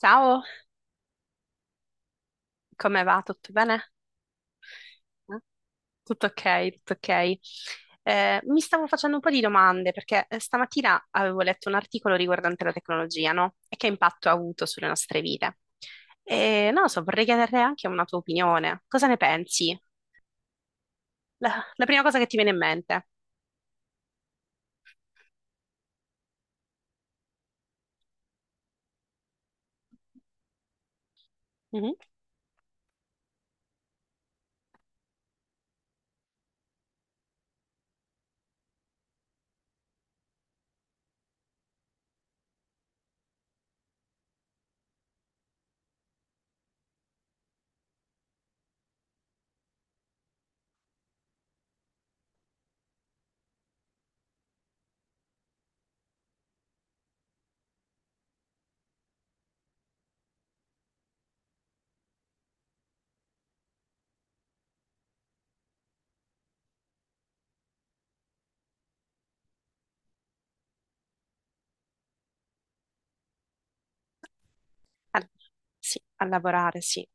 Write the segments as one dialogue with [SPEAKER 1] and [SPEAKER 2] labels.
[SPEAKER 1] Ciao, come va? Tutto bene? Eh? Tutto ok, tutto ok. Mi stavo facendo un po' di domande perché stamattina avevo letto un articolo riguardante la tecnologia, no? E che impatto ha avuto sulle nostre vite. E non lo so, vorrei chiedere anche una tua opinione. Cosa ne pensi? La prima cosa che ti viene in mente. Mhm. Al- sì, a lavorare, sì.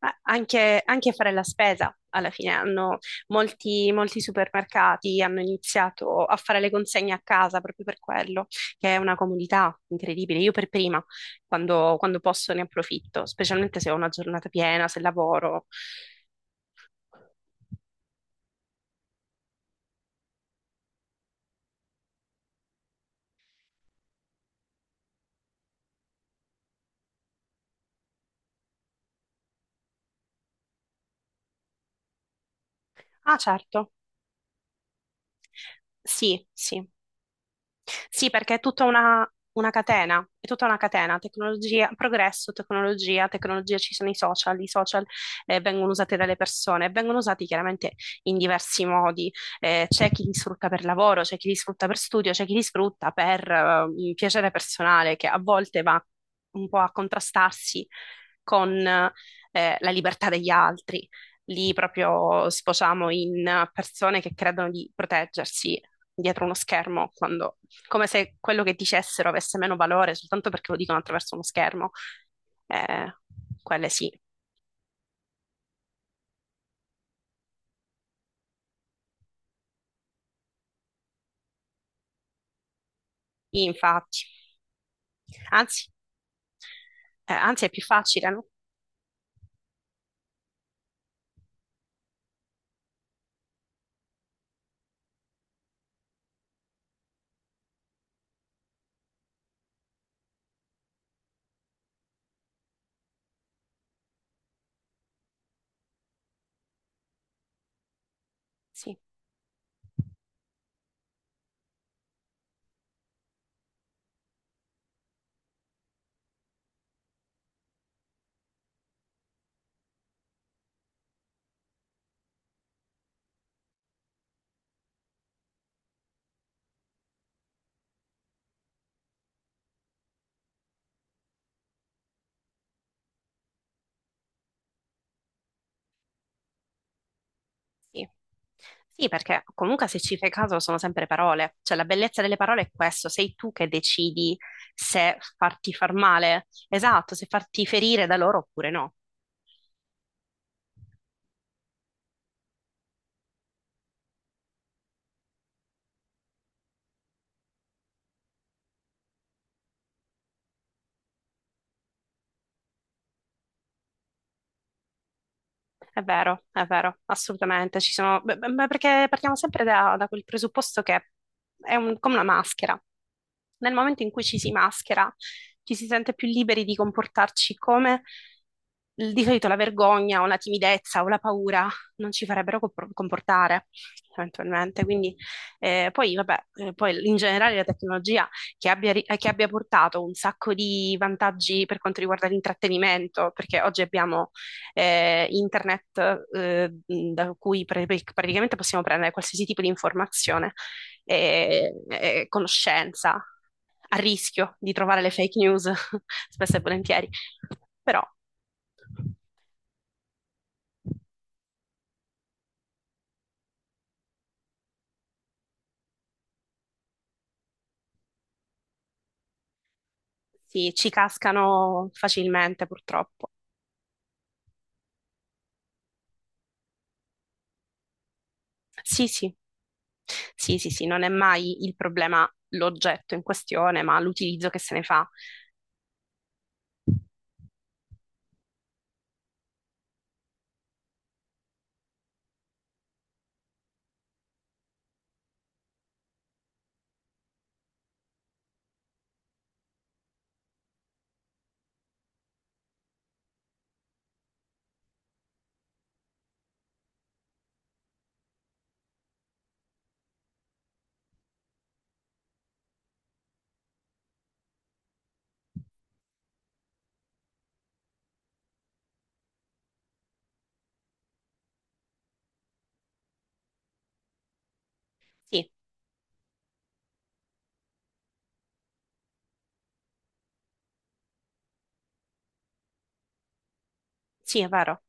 [SPEAKER 1] Ma anche fare la spesa, alla fine hanno molti supermercati hanno iniziato a fare le consegne a casa proprio per quello, che è una comodità incredibile. Io per prima, quando posso, ne approfitto, specialmente se ho una giornata piena, se lavoro. Ah, certo, sì, sì. Sì, perché è tutta una catena, è tutta una catena, tecnologia, progresso, tecnologia, tecnologia, ci sono i social vengono usati dalle persone, vengono usati chiaramente in diversi modi, c'è chi li sfrutta per lavoro, c'è chi li sfrutta per studio, c'è chi li sfrutta per un piacere personale che a volte va un po' a contrastarsi con la libertà degli altri. Lì proprio sfociamo in persone che credono di proteggersi dietro uno schermo quando come se quello che dicessero avesse meno valore soltanto perché lo dicono attraverso uno schermo. Eh, Quelle sì, infatti. Anzi, anzi, è più facile, no? Sì, sì. Sì, perché comunque se ci fai caso sono sempre parole, cioè la bellezza delle parole è questo, sei tu che decidi se farti far male, esatto, se farti ferire da loro oppure no. È vero, assolutamente. Beh, beh, beh, perché partiamo sempre da quel presupposto che è come una maschera. Nel momento in cui ci si maschera, ci si sente più liberi di comportarci come di solito la vergogna o la timidezza o la paura non ci farebbero comportare eventualmente. Quindi, poi, vabbè, poi in generale la tecnologia che abbia portato un sacco di vantaggi per quanto riguarda l'intrattenimento, perché oggi abbiamo internet da cui praticamente possiamo prendere qualsiasi tipo di informazione e conoscenza, a rischio di trovare le fake news spesso e volentieri, però sì, ci cascano facilmente purtroppo. Sì, sì, sì, sì, sì, non è mai il problema l'oggetto in questione, ma l'utilizzo che se ne fa. Sì, sì, è vero.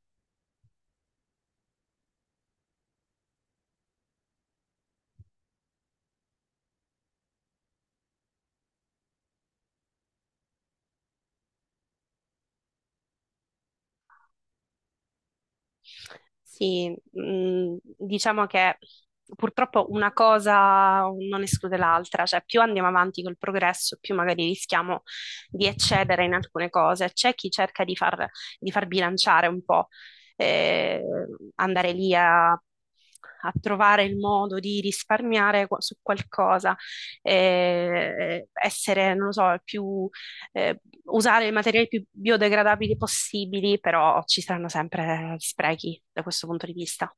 [SPEAKER 1] Sì, diciamo che purtroppo una cosa non esclude l'altra, cioè più andiamo avanti col progresso, più magari rischiamo di eccedere in alcune cose. C'è chi cerca di far bilanciare un po', eh, andare lì a trovare il modo di risparmiare su qualcosa, essere, non lo so, più eh, usare i materiali più biodegradabili possibili, però ci saranno sempre sprechi da questo punto di vista.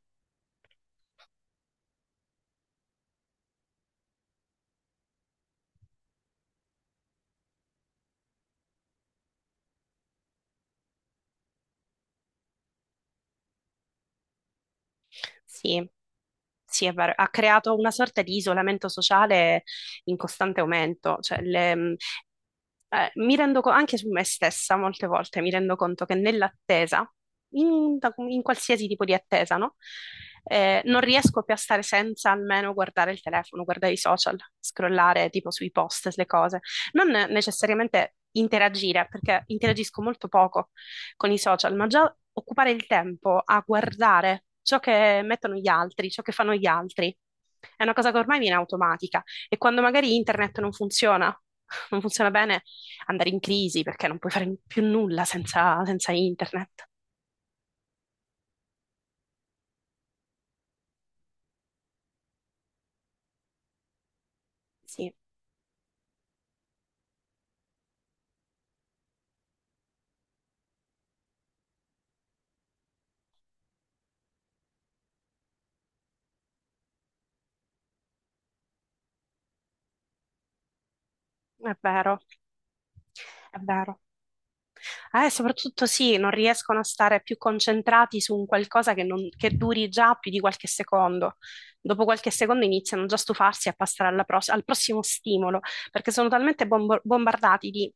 [SPEAKER 1] Sì, sì, è vero. Ha creato una sorta di isolamento sociale in costante aumento. Cioè, mi rendo conto, anche su me stessa, molte volte mi rendo conto che nell'attesa, in qualsiasi tipo di attesa, no? Non riesco più a stare senza almeno guardare il telefono, guardare i social, scrollare tipo sui post, le cose. Non necessariamente interagire, perché interagisco molto poco con i social, ma già occupare il tempo a guardare ciò che mettono gli altri, ciò che fanno gli altri, è una cosa che ormai viene automatica. E quando magari internet non funziona, non funziona bene, andare in crisi perché non puoi fare più nulla senza, senza internet. Sì, è vero, è vero. Soprattutto sì, non riescono a stare più concentrati su un qualcosa che, che duri già più di qualche secondo. Dopo qualche secondo iniziano già a stufarsi e a passare alla al prossimo stimolo, perché sono talmente bombardati di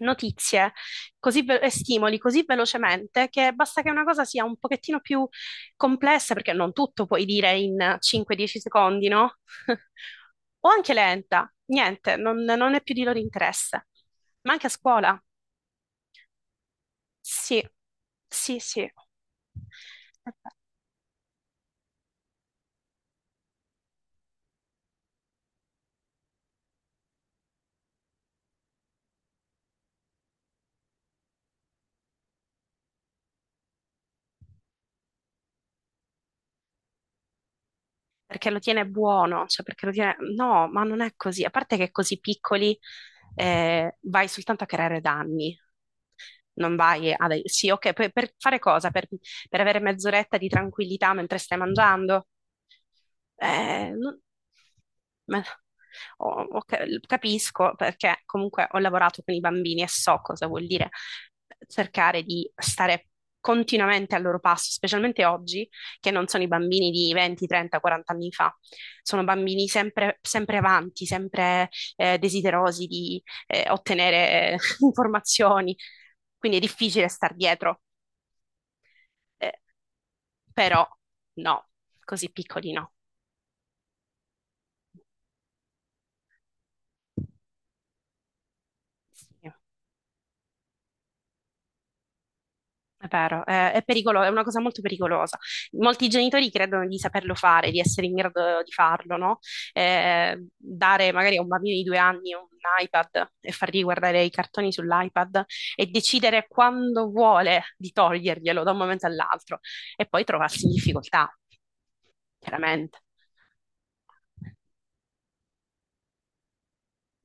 [SPEAKER 1] notizie così e stimoli così velocemente che basta che una cosa sia un pochettino più complessa, perché non tutto puoi dire in 5-10 secondi, no? O anche lenta, niente, non è più di loro interesse. Ma anche a scuola. Sì, sì, sì. Vabbè, perché lo tiene buono, cioè perché lo tiene. No, ma non è così. A parte che così piccoli vai soltanto a creare danni. Non vai a. Sì, ok, per fare cosa? Per avere mezz'oretta di tranquillità mentre stai mangiando? Eh, non- ma- oh, ok, capisco perché comunque ho lavorato con i bambini e so cosa vuol dire cercare di stare continuamente al loro passo, specialmente oggi, che non sono i bambini di 20, 30, 40 anni fa, sono bambini sempre, sempre avanti, sempre desiderosi di ottenere informazioni, quindi è difficile star dietro, eh, però no, così piccoli no. Sì, è vero, è una cosa molto pericolosa. Molti genitori credono di saperlo fare, di essere in grado di farlo, no? Dare magari a un bambino di 2 anni un iPad e fargli guardare i cartoni sull'iPad e decidere quando vuole di toglierglielo da un momento all'altro e poi trovarsi in difficoltà, chiaramente.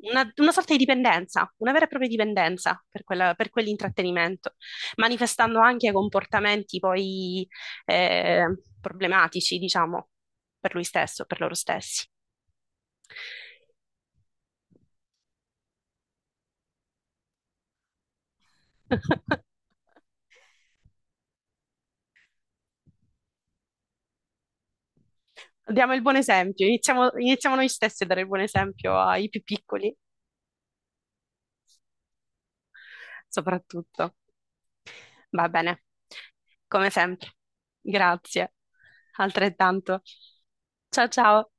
[SPEAKER 1] Una sorta di dipendenza, una vera e propria dipendenza per per quell'intrattenimento, manifestando anche comportamenti poi eh, problematici, diciamo, per lui stesso, per loro stessi. Diamo il buon esempio, iniziamo noi stessi a dare il buon esempio ai più piccoli, soprattutto. Va bene, come sempre. Grazie, altrettanto. Ciao ciao.